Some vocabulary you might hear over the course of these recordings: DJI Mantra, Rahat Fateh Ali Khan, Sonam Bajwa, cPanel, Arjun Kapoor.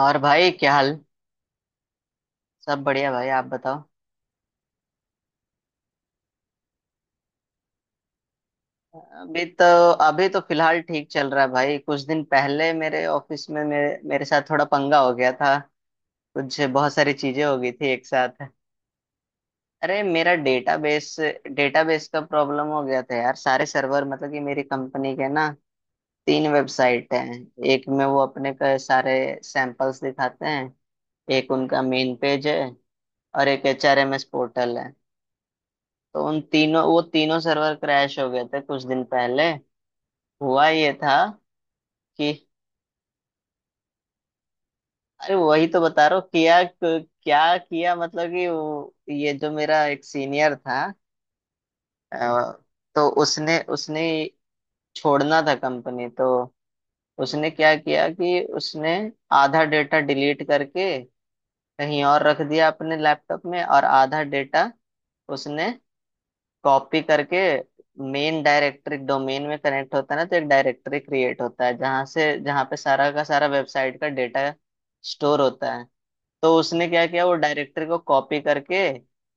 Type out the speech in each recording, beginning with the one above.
और भाई क्या हाल। सब बढ़िया भाई, आप बताओ। अभी तो अभी तो फिलहाल ठीक चल रहा है भाई। कुछ दिन पहले मेरे ऑफिस में मेरे मेरे साथ थोड़ा पंगा हो गया था। कुछ बहुत सारी चीजें हो गई थी एक साथ। अरे मेरा डेटाबेस डेटाबेस का प्रॉब्लम हो गया था यार। सारे सर्वर मतलब कि मेरी कंपनी के ना तीन वेबसाइट हैं। एक में वो अपने का सारे सैंपल्स दिखाते हैं। एक उनका मेन पेज है और एक एचआरएमएस पोर्टल है। तो उन तीनों वो तीनों सर्वर क्रैश हो गए थे कुछ दिन पहले। हुआ ये था कि अरे वही तो बता रहा हूँ, किया क्या किया, मतलब कि ये जो मेरा एक सीनियर था, अ, तो उसने उसने छोड़ना था कंपनी। तो उसने क्या किया कि उसने आधा डेटा डिलीट करके कहीं और रख दिया अपने लैपटॉप में, और आधा डेटा उसने कॉपी करके मेन डायरेक्टरी डोमेन में कनेक्ट होता है ना, तो एक डायरेक्टरी क्रिएट होता है जहाँ से जहाँ पे सारा का सारा वेबसाइट का डेटा स्टोर होता है। तो उसने क्या किया, वो डायरेक्टर को कॉपी करके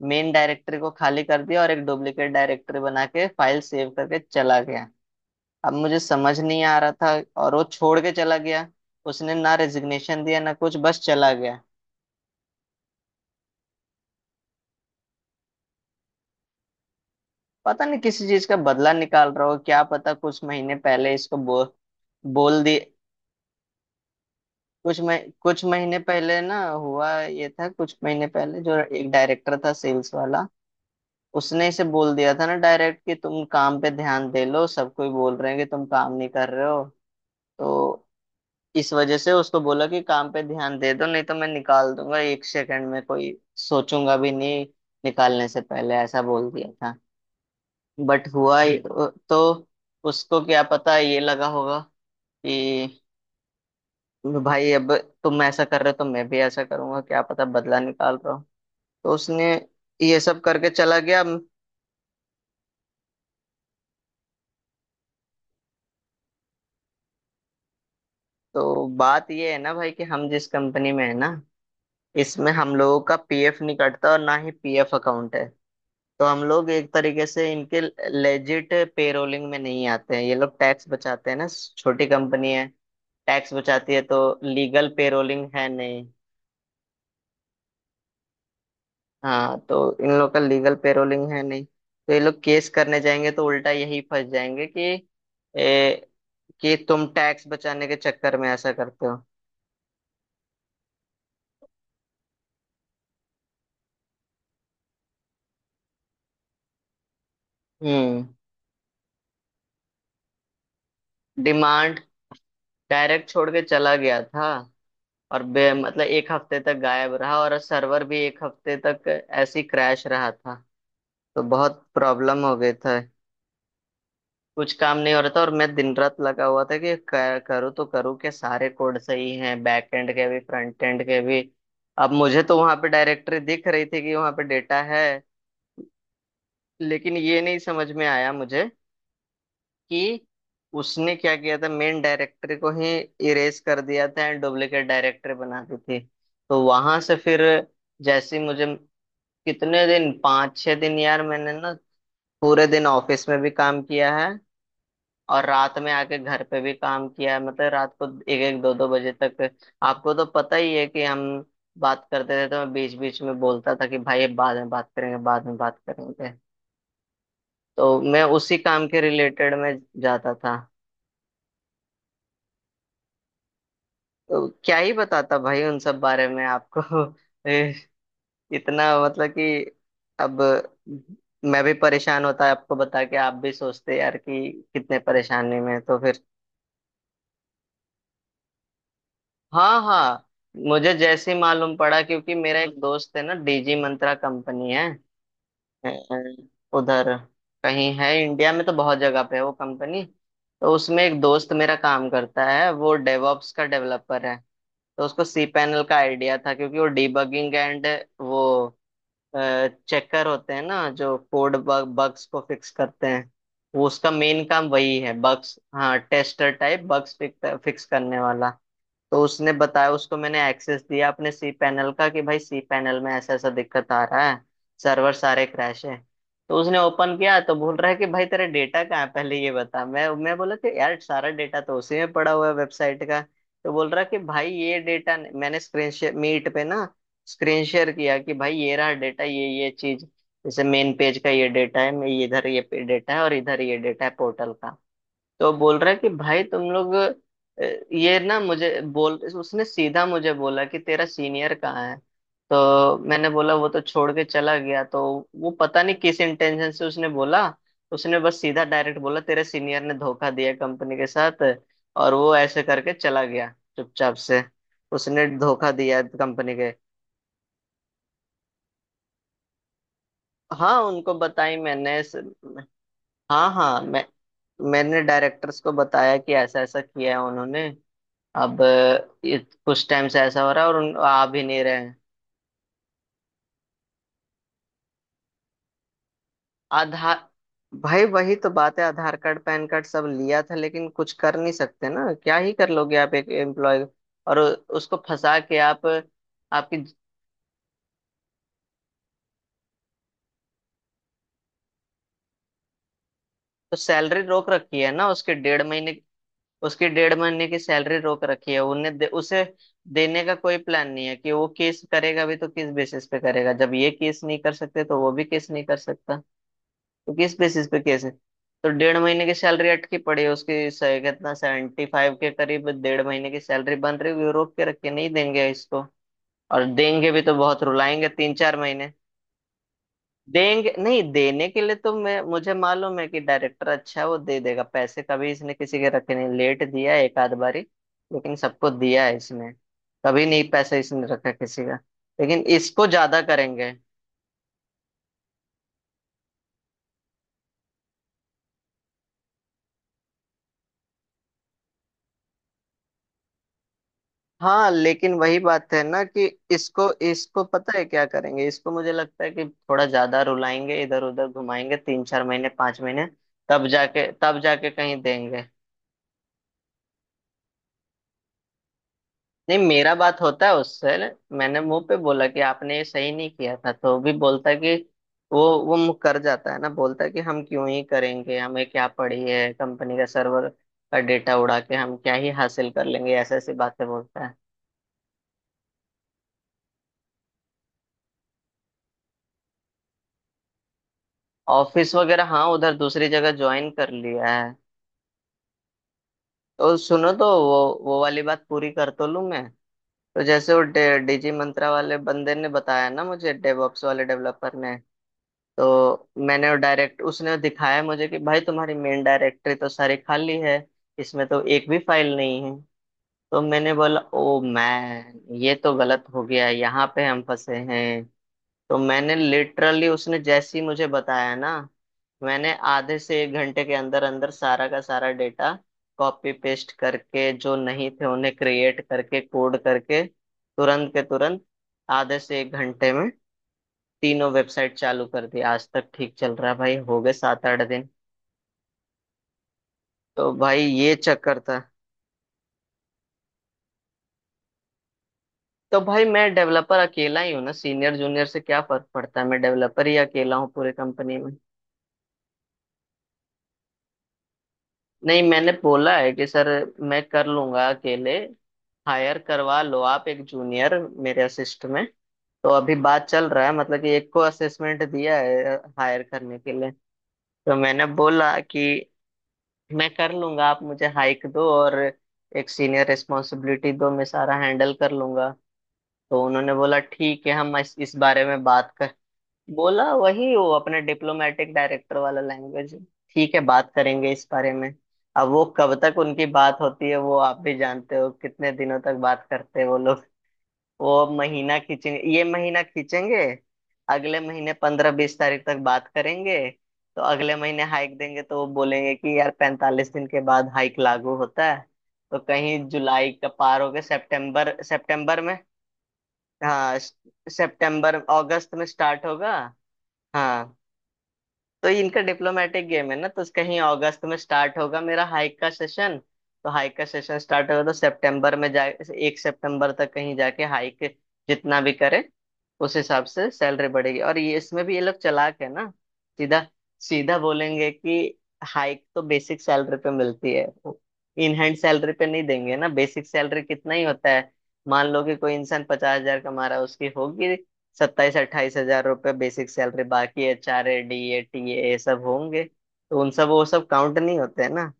मेन डायरेक्टर को खाली कर दिया और एक डुप्लीकेट डायरेक्टर बना के फाइल सेव करके चला गया। अब मुझे समझ नहीं आ रहा था। और वो छोड़ के चला गया। उसने ना रेजिग्नेशन दिया ना कुछ, बस चला गया। पता नहीं किसी चीज का बदला निकाल रहा हो, क्या पता। कुछ महीने पहले इसको बोल दिए। कुछ महीने पहले ना हुआ ये था। कुछ महीने पहले जो एक डायरेक्टर था सेल्स वाला, उसने इसे बोल दिया था ना डायरेक्ट कि तुम काम पे ध्यान दे लो, सब कोई बोल रहे हैं कि तुम काम नहीं कर रहे हो। तो इस वजह से उसको बोला कि काम पे ध्यान दे दो नहीं तो मैं निकाल दूंगा एक सेकंड में, कोई सोचूंगा भी नहीं। निकालने से पहले ऐसा बोल दिया था। हम्म। तो उसको क्या पता ये लगा होगा कि भाई अब तुम ऐसा कर रहे हो तो मैं भी ऐसा करूंगा, क्या पता बदला निकाल रहा हूँ। तो उसने ये सब करके चला गया। तो बात ये है ना भाई कि हम जिस कंपनी में है ना, इसमें हम लोगों का पीएफ नहीं कटता और ना ही पीएफ अकाउंट है। तो हम लोग एक तरीके से इनके लेजिट पेरोलिंग में नहीं आते हैं। ये लोग टैक्स बचाते हैं ना, छोटी कंपनी है, टैक्स बचाती है तो लीगल पेरोलिंग है नहीं। हाँ, तो इन लोग का लीगल पेरोलिंग है नहीं, तो ये लोग केस करने जाएंगे तो उल्टा यही फंस जाएंगे कि ए, कि तुम टैक्स बचाने के चक्कर में ऐसा करते हो। हम्म। डिमांड, डायरेक्ट छोड़ के चला गया था। और बे मतलब एक हफ्ते तक गायब रहा और सर्वर भी एक हफ्ते तक ऐसे ही क्रैश रहा था। तो बहुत प्रॉब्लम हो गए था। कुछ काम नहीं हो रहा था और मैं दिन रात लगा हुआ था कि करूँ तो करूँ, के सारे कोड सही हैं बैक एंड के भी फ्रंट एंड के भी। अब मुझे तो वहां पे डायरेक्टरी दिख रही थी कि वहां पे डेटा है, लेकिन ये नहीं समझ में आया मुझे कि उसने क्या किया था, मेन डायरेक्टर को ही इरेज कर दिया था एंड डुप्लीकेट डायरेक्टर बना दी थी। तो वहां से फिर जैसे ही मुझे, कितने दिन, 5-6 दिन यार मैंने ना पूरे दिन ऑफिस में भी काम किया है, और रात में आके घर पे भी काम किया है, मतलब रात को एक एक दो दो बजे तक। आपको तो पता ही है कि हम बात करते थे तो मैं बीच बीच में बोलता था कि भाई ये बाद में बात करेंगे बाद में बात करेंगे। तो मैं उसी काम के रिलेटेड में जाता था। तो क्या ही बताता भाई उन सब बारे में आपको। ए, इतना मतलब कि अब मैं भी परेशान होता है आपको बता के, आप भी सोचते यार कि कितने परेशानी में हैं। तो फिर हाँ, हाँ, मुझे जैसे ही मालूम पड़ा, क्योंकि मेरा एक दोस्त है ना, डीजी मंत्रा कंपनी है, उधर कहीं है इंडिया में, तो बहुत जगह पे है वो कंपनी। तो उसमें एक दोस्त मेरा काम करता है, वो डेवॉप्स का डेवलपर है। तो उसको सी पैनल का आइडिया था, क्योंकि वो डिबगिंग एंड वो चेकर होते हैं ना जो कोड बग्स को फिक्स करते हैं। वो उसका मेन काम वही है, बग्स, हाँ टेस्टर टाइप बग्स फिक्स करने वाला। तो उसने बताया, उसको मैंने एक्सेस दिया अपने सी पैनल का कि भाई सी पैनल में ऐसा ऐसा दिक्कत आ रहा है, सर्वर सारे क्रैश है। तो उसने ओपन किया तो बोल रहा है कि भाई तेरा डेटा कहाँ है, पहले ये बता। मैं बोला कि यार सारा डेटा तो उसी में पड़ा हुआ है वेबसाइट का। तो बोल रहा है कि भाई ये डेटा, मैंने स्क्रीन शेयर मीट पे ना स्क्रीन शेयर किया कि भाई ये रहा डेटा, ये चीज, जैसे मेन पेज का ये डेटा है मैं इधर, ये डेटा है और इधर ये डेटा है पोर्टल का। तो बोल रहा है कि भाई तुम लोग ये ना मुझे बोल, उसने सीधा मुझे बोला कि तेरा सीनियर कहाँ है। तो मैंने बोला वो तो छोड़ के चला गया। तो वो पता नहीं किस इंटेंशन से उसने बोला, उसने बस सीधा डायरेक्ट बोला तेरे सीनियर ने धोखा दिया कंपनी के साथ, और वो ऐसे करके चला गया चुपचाप से। उसने धोखा दिया कंपनी के। हाँ उनको बताई मैंने हाँ, हाँ मैं, मैंने डायरेक्टर्स को बताया कि ऐसा ऐसा किया है उन्होंने। अब ये कुछ टाइम से ऐसा हो रहा है और आ भी नहीं रहे हैं। आधार, भाई वही तो बात है, आधार कार्ड पैन कार्ड सब लिया था, लेकिन कुछ कर नहीं सकते ना, क्या ही कर लोगे आप एक एम्प्लॉय, और उसको फंसा के आप, आपकी सैलरी रोक रखी है ना उसके डेढ़ महीने। उसके डेढ़ महीने की सैलरी रोक रखी है, उन्हें उसे देने का कोई प्लान नहीं है। कि वो केस करेगा भी तो किस बेसिस पे करेगा, जब ये केस नहीं कर सकते तो वो भी केस नहीं कर सकता। तो किस बेसिस पे कैसे। तो डेढ़ महीने की सैलरी अटकी पड़ी है उसकी, कितना, 75 के करीब डेढ़ महीने की सैलरी बन रही है। रोक के रख के नहीं देंगे इसको, और देंगे भी तो बहुत रुलाएंगे 3-4 महीने। देंगे, नहीं देने के लिए तो, मैं मुझे मालूम है कि डायरेक्टर अच्छा है, वो दे देगा पैसे, कभी इसने किसी के रखे नहीं, लेट दिया एक आध बारी, लेकिन सबको दिया है इसने। कभी नहीं पैसे इसने रखा किसी का, लेकिन इसको ज्यादा करेंगे। हाँ लेकिन वही बात है ना कि इसको इसको पता है क्या करेंगे इसको, मुझे लगता है कि थोड़ा ज्यादा रुलाएंगे, इधर उधर घुमाएंगे 3-4 महीने 5 महीने, तब जाके कहीं देंगे। नहीं, मेरा बात होता है उससे। मैंने मुंह पे बोला कि आपने ये सही नहीं किया था, तो वो भी बोलता है कि वो मुँह कर जाता है ना, बोलता है कि हम क्यों ही करेंगे, हमें क्या पड़ी है कंपनी का सर्वर का डेटा उड़ा के, हम क्या ही हासिल कर लेंगे, ऐसे ऐसी बातें बोलता है। ऑफिस वगैरह हाँ उधर दूसरी जगह ज्वाइन कर लिया है। तो सुनो, तो वो वाली बात पूरी कर तो लूं मैं। तो जैसे वो डीजी मंत्रा वाले बंदे ने बताया ना मुझे, डेवऑप्स वाले डेवलपर ने, तो मैंने वो डायरेक्ट, उसने दिखाया मुझे कि भाई तुम्हारी मेन डायरेक्टरी तो सारी खाली है, इसमें तो एक भी फाइल नहीं है। तो मैंने बोला ओ मैन ये तो गलत हो गया, यहाँ पे हम फंसे हैं। तो मैंने लिटरली, उसने जैसे ही मुझे बताया ना, मैंने आधे से एक घंटे के अंदर अंदर सारा का सारा डेटा कॉपी पेस्ट करके, जो नहीं थे उन्हें क्रिएट करके, कोड करके, तुरंत के तुरंत, आधे से एक घंटे में तीनों वेबसाइट चालू कर दी। आज तक ठीक चल रहा है भाई, हो गए 7-8 दिन। तो भाई ये चक्कर था। तो भाई मैं डेवलपर अकेला ही हूँ ना, सीनियर जूनियर से क्या फर्क पड़ता है, मैं डेवलपर ही अकेला हूँ पूरे कंपनी में। नहीं मैंने बोला है कि सर मैं कर लूंगा अकेले, हायर करवा लो आप एक जूनियर मेरे असिस्ट में। तो अभी बात चल रहा है, मतलब कि एक को असेसमेंट दिया है हायर करने के लिए। तो मैंने बोला कि मैं कर लूंगा, आप मुझे हाइक दो और एक सीनियर रिस्पॉन्सिबिलिटी दो, मैं सारा हैंडल कर लूंगा। तो उन्होंने बोला ठीक है हम इस बारे में बात कर, बोला वही, वो अपने डिप्लोमेटिक डायरेक्टर वाला लैंग्वेज, ठीक है बात करेंगे इस बारे में। अब वो कब तक उनकी बात होती है वो आप भी जानते हो कितने दिनों तक बात करते हैं वो। वो महीना खींचेंगे ये महीना खींचेंगे, अगले महीने 15-20 तारीख तक बात करेंगे। तो अगले महीने हाइक देंगे तो वो बोलेंगे कि यार 45 दिन के बाद हाइक लागू होता है। तो कहीं जुलाई का पार हो गया, सितंबर, सितंबर में। हाँ सितंबर, अगस्त में स्टार्ट होगा। हाँ, तो इनका डिप्लोमेटिक गेम है ना, तो कहीं अगस्त में स्टार्ट होगा मेरा हाइक का सेशन। तो हाइक का सेशन स्टार्ट होगा तो सितंबर में जा, 1 सितंबर तक कहीं जाके हाइक जितना भी करे, उस हिसाब से सैलरी बढ़ेगी। और ये इसमें भी ये लोग चालाक है ना, सीधा सीधा बोलेंगे कि हाइक तो बेसिक सैलरी पे मिलती है, इन हैंड सैलरी पे नहीं देंगे ना। बेसिक सैलरी कितना ही होता है, मान लो कि कोई इंसान 50,000 कमा रहा है, उसकी होगी 27-28 हजार रुपये बेसिक सैलरी, बाकी H R A D A T A सब होंगे, तो उन सब वो सब काउंट नहीं होते हैं ना।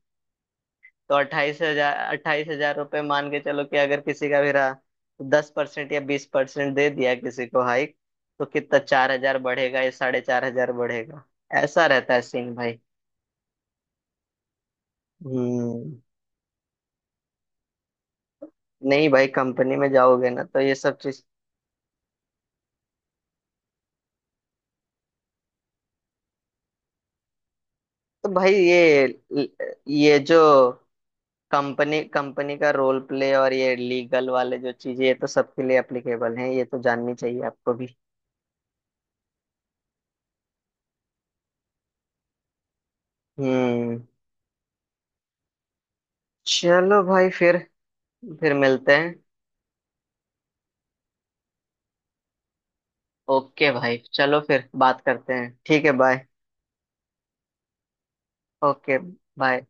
तो 28 हजार 28 हजार रुपये मान के चलो, कि अगर किसी का भी रहा तो 10% या 20% दे दिया किसी को हाइक, तो कितना, 4,000 बढ़ेगा या 4,500 बढ़ेगा। ऐसा रहता है सीन भाई। हम्म। नहीं भाई कंपनी में जाओगे ना तो ये सब चीज। तो भाई ये जो कंपनी कंपनी का रोल प्ले और ये लीगल वाले जो चीजें, ये तो सबके लिए एप्लीकेबल हैं, ये तो जाननी चाहिए आपको भी। हम्म। चलो भाई फिर मिलते हैं। ओके भाई चलो फिर बात करते हैं, ठीक है बाय। Okay bye.